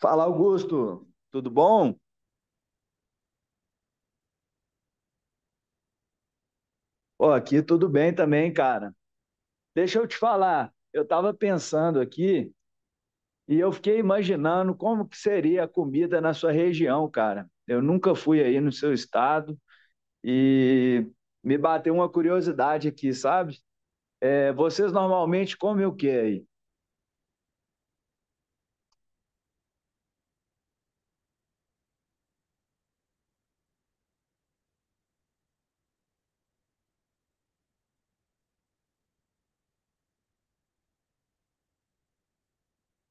Fala, Augusto, tudo bom? Ó, aqui tudo bem também, cara. Deixa eu te falar, eu estava pensando aqui e eu fiquei imaginando como que seria a comida na sua região, cara. Eu nunca fui aí no seu estado e me bateu uma curiosidade aqui, sabe? Vocês normalmente comem o que aí?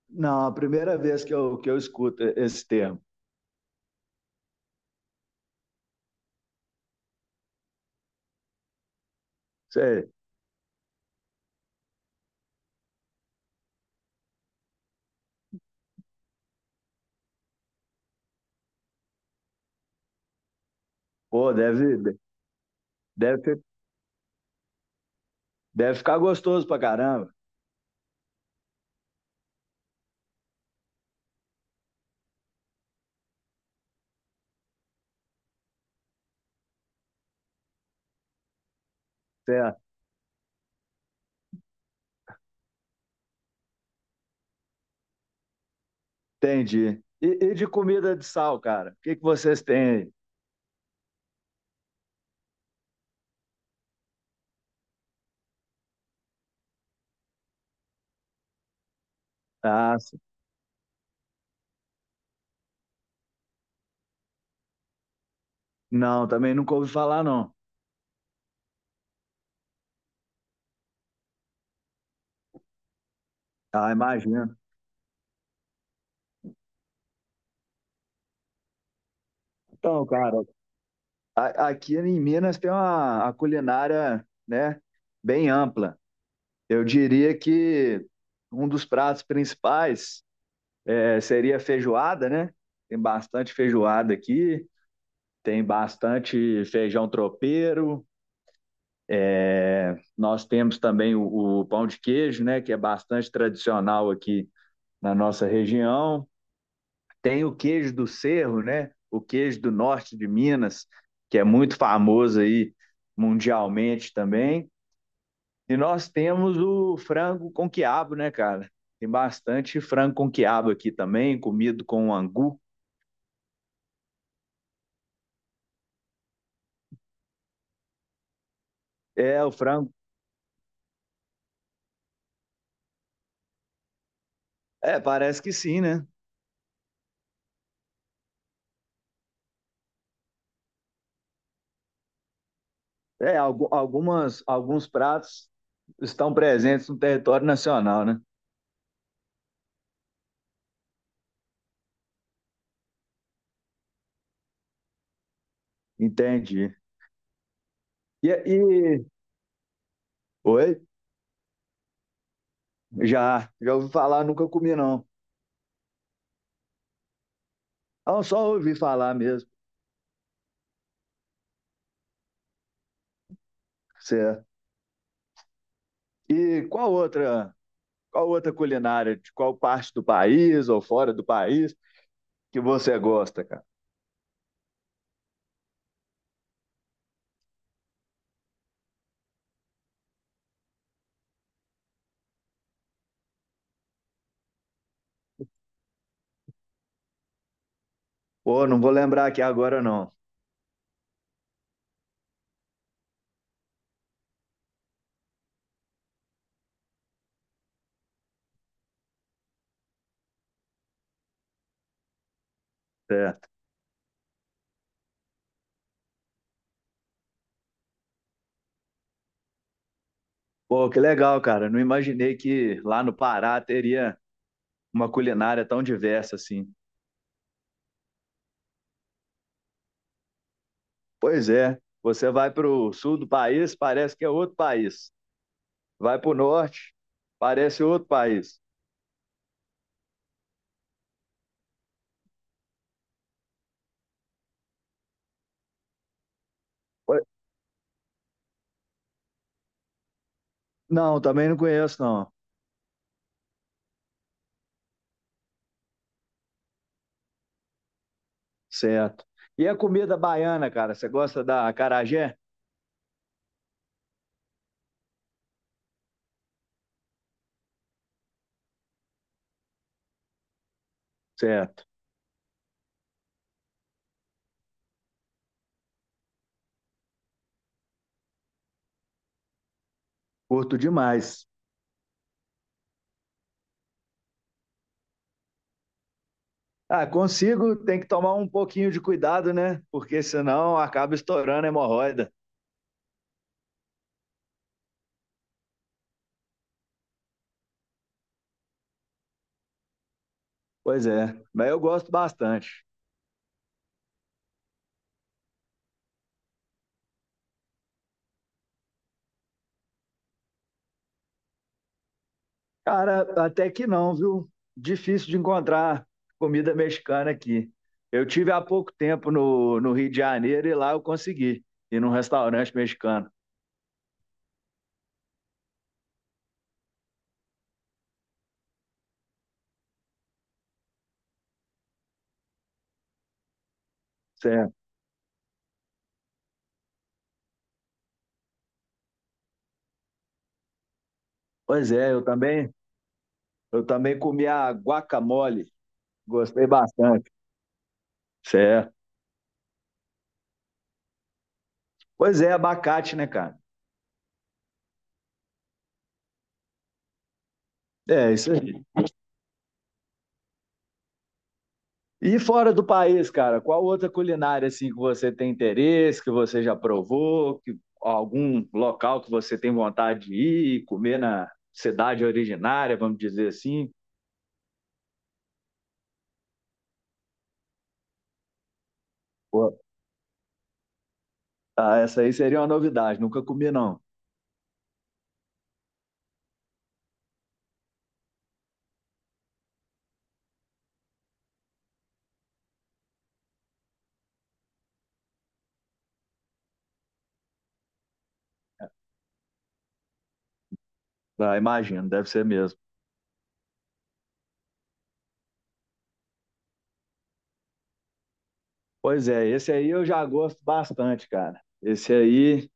Não, a primeira vez que eu escuto esse termo. Sei, pô, deve, deve ficar gostoso pra caramba. Entendi. E de comida de sal, cara? O que que vocês têm aí? Ah, sim. Não, também nunca ouvi falar, não. Ah, imagino. Então, cara, aqui em Minas tem a culinária, né, bem ampla. Eu diria que um dos pratos principais seria a feijoada, né? Tem bastante feijoada aqui, tem bastante feijão tropeiro. Nós temos também o pão de queijo, né, que é bastante tradicional aqui na nossa região. Tem o queijo do Cerro, né? O queijo do norte de Minas, que é muito famoso aí mundialmente também. E nós temos o frango com quiabo, né, cara? Tem bastante frango com quiabo aqui também, comido com angu. É, o frango. É, parece que sim, né? É, algumas, alguns pratos estão presentes no território nacional, né? Entendi. E... Oi? Já, já ouvi falar, nunca comi, não. Ah, só ouvi falar mesmo, certo. E qual outra culinária, de qual parte do país ou fora do país que você gosta, cara? Pô, não vou lembrar aqui agora não, certo. Pô, que legal, cara. Não imaginei que lá no Pará teria uma culinária tão diversa assim. Pois é, você vai para o sul do país, parece que é outro país. Vai para o norte, parece outro país. Pô, não, também não conheço, não. Certo. E a comida baiana, cara? Você gosta da acarajé? Certo. Curto demais. Ah, consigo, tem que tomar um pouquinho de cuidado, né? Porque senão acaba estourando a hemorroida. Pois é, mas eu gosto bastante. Cara, até que não, viu? Difícil de encontrar comida mexicana aqui. Eu tive há pouco tempo no Rio de Janeiro e lá eu consegui ir num restaurante mexicano. Certo. Pois é, eu também comi a guacamole. Gostei bastante. Certo. Pois é, abacate, né, cara? É, isso. E fora do país, cara, qual outra culinária assim que você tem interesse, que você já provou, que algum local que você tem vontade de ir e comer na cidade originária, vamos dizer assim? Pô, ah, essa aí seria uma novidade, nunca comi não. Ah, imagino, deve ser mesmo. Pois é, esse aí eu já gosto bastante, cara. Esse aí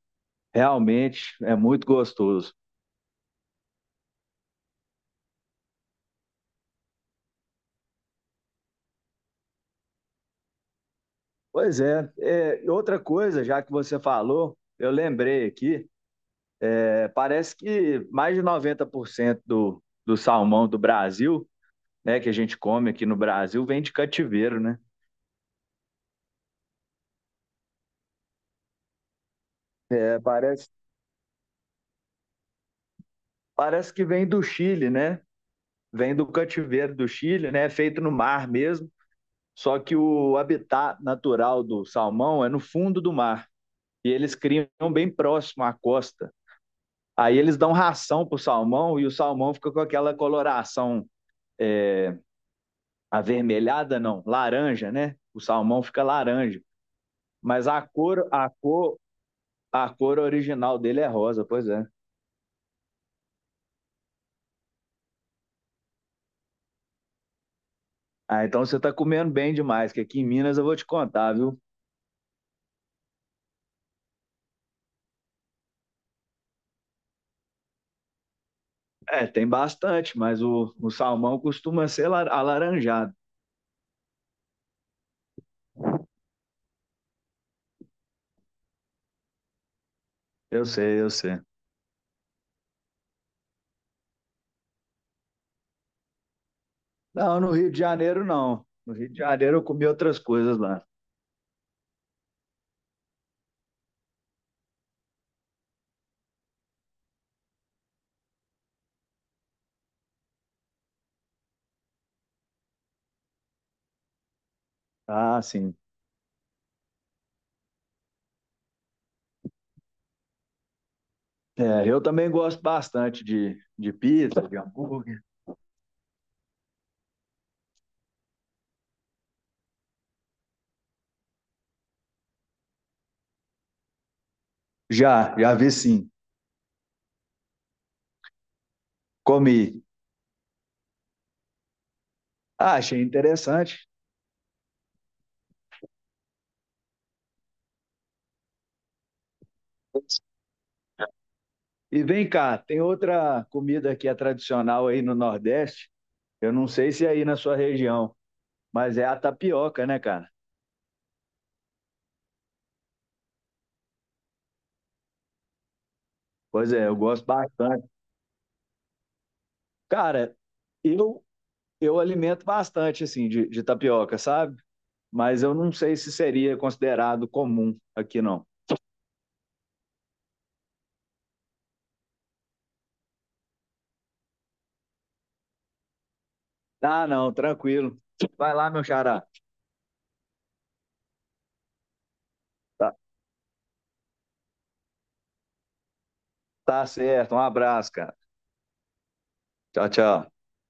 realmente é muito gostoso. Pois é, é, outra coisa, já que você falou, eu lembrei aqui. Parece que mais de 90% do salmão do Brasil, né, que a gente come aqui no Brasil, vem de cativeiro, né? É, parece, parece que vem do Chile, né? Vem do cativeiro do Chile, né? É feito no mar mesmo. Só que o habitat natural do salmão é no fundo do mar. E eles criam bem próximo à costa. Aí eles dão ração para o salmão e o salmão fica com aquela coloração é, avermelhada, não, laranja, né? O salmão fica laranja. Mas a cor original dele é rosa, pois é. Ah, então você tá comendo bem demais, que aqui em Minas eu vou te contar, viu? É, tem bastante, mas o salmão costuma ser alaranjado. Eu sei, eu sei. Não, no Rio de Janeiro não. No Rio de Janeiro eu comi outras coisas lá. Ah, sim. É, eu também gosto bastante de pizza, de hambúrguer. Já, já vi sim. Comi. Ah, achei interessante. E vem cá, tem outra comida que é tradicional aí no Nordeste. Eu não sei se é aí na sua região, mas é a tapioca, né, cara? Pois é, eu gosto bastante. Cara, eu, eu alimento bastante, assim, de tapioca, sabe? Mas eu não sei se seria considerado comum aqui, não. Ah, não, tranquilo. Vai lá, meu xará. Tá, tá certo. Um abraço, cara. Tchau, tchau.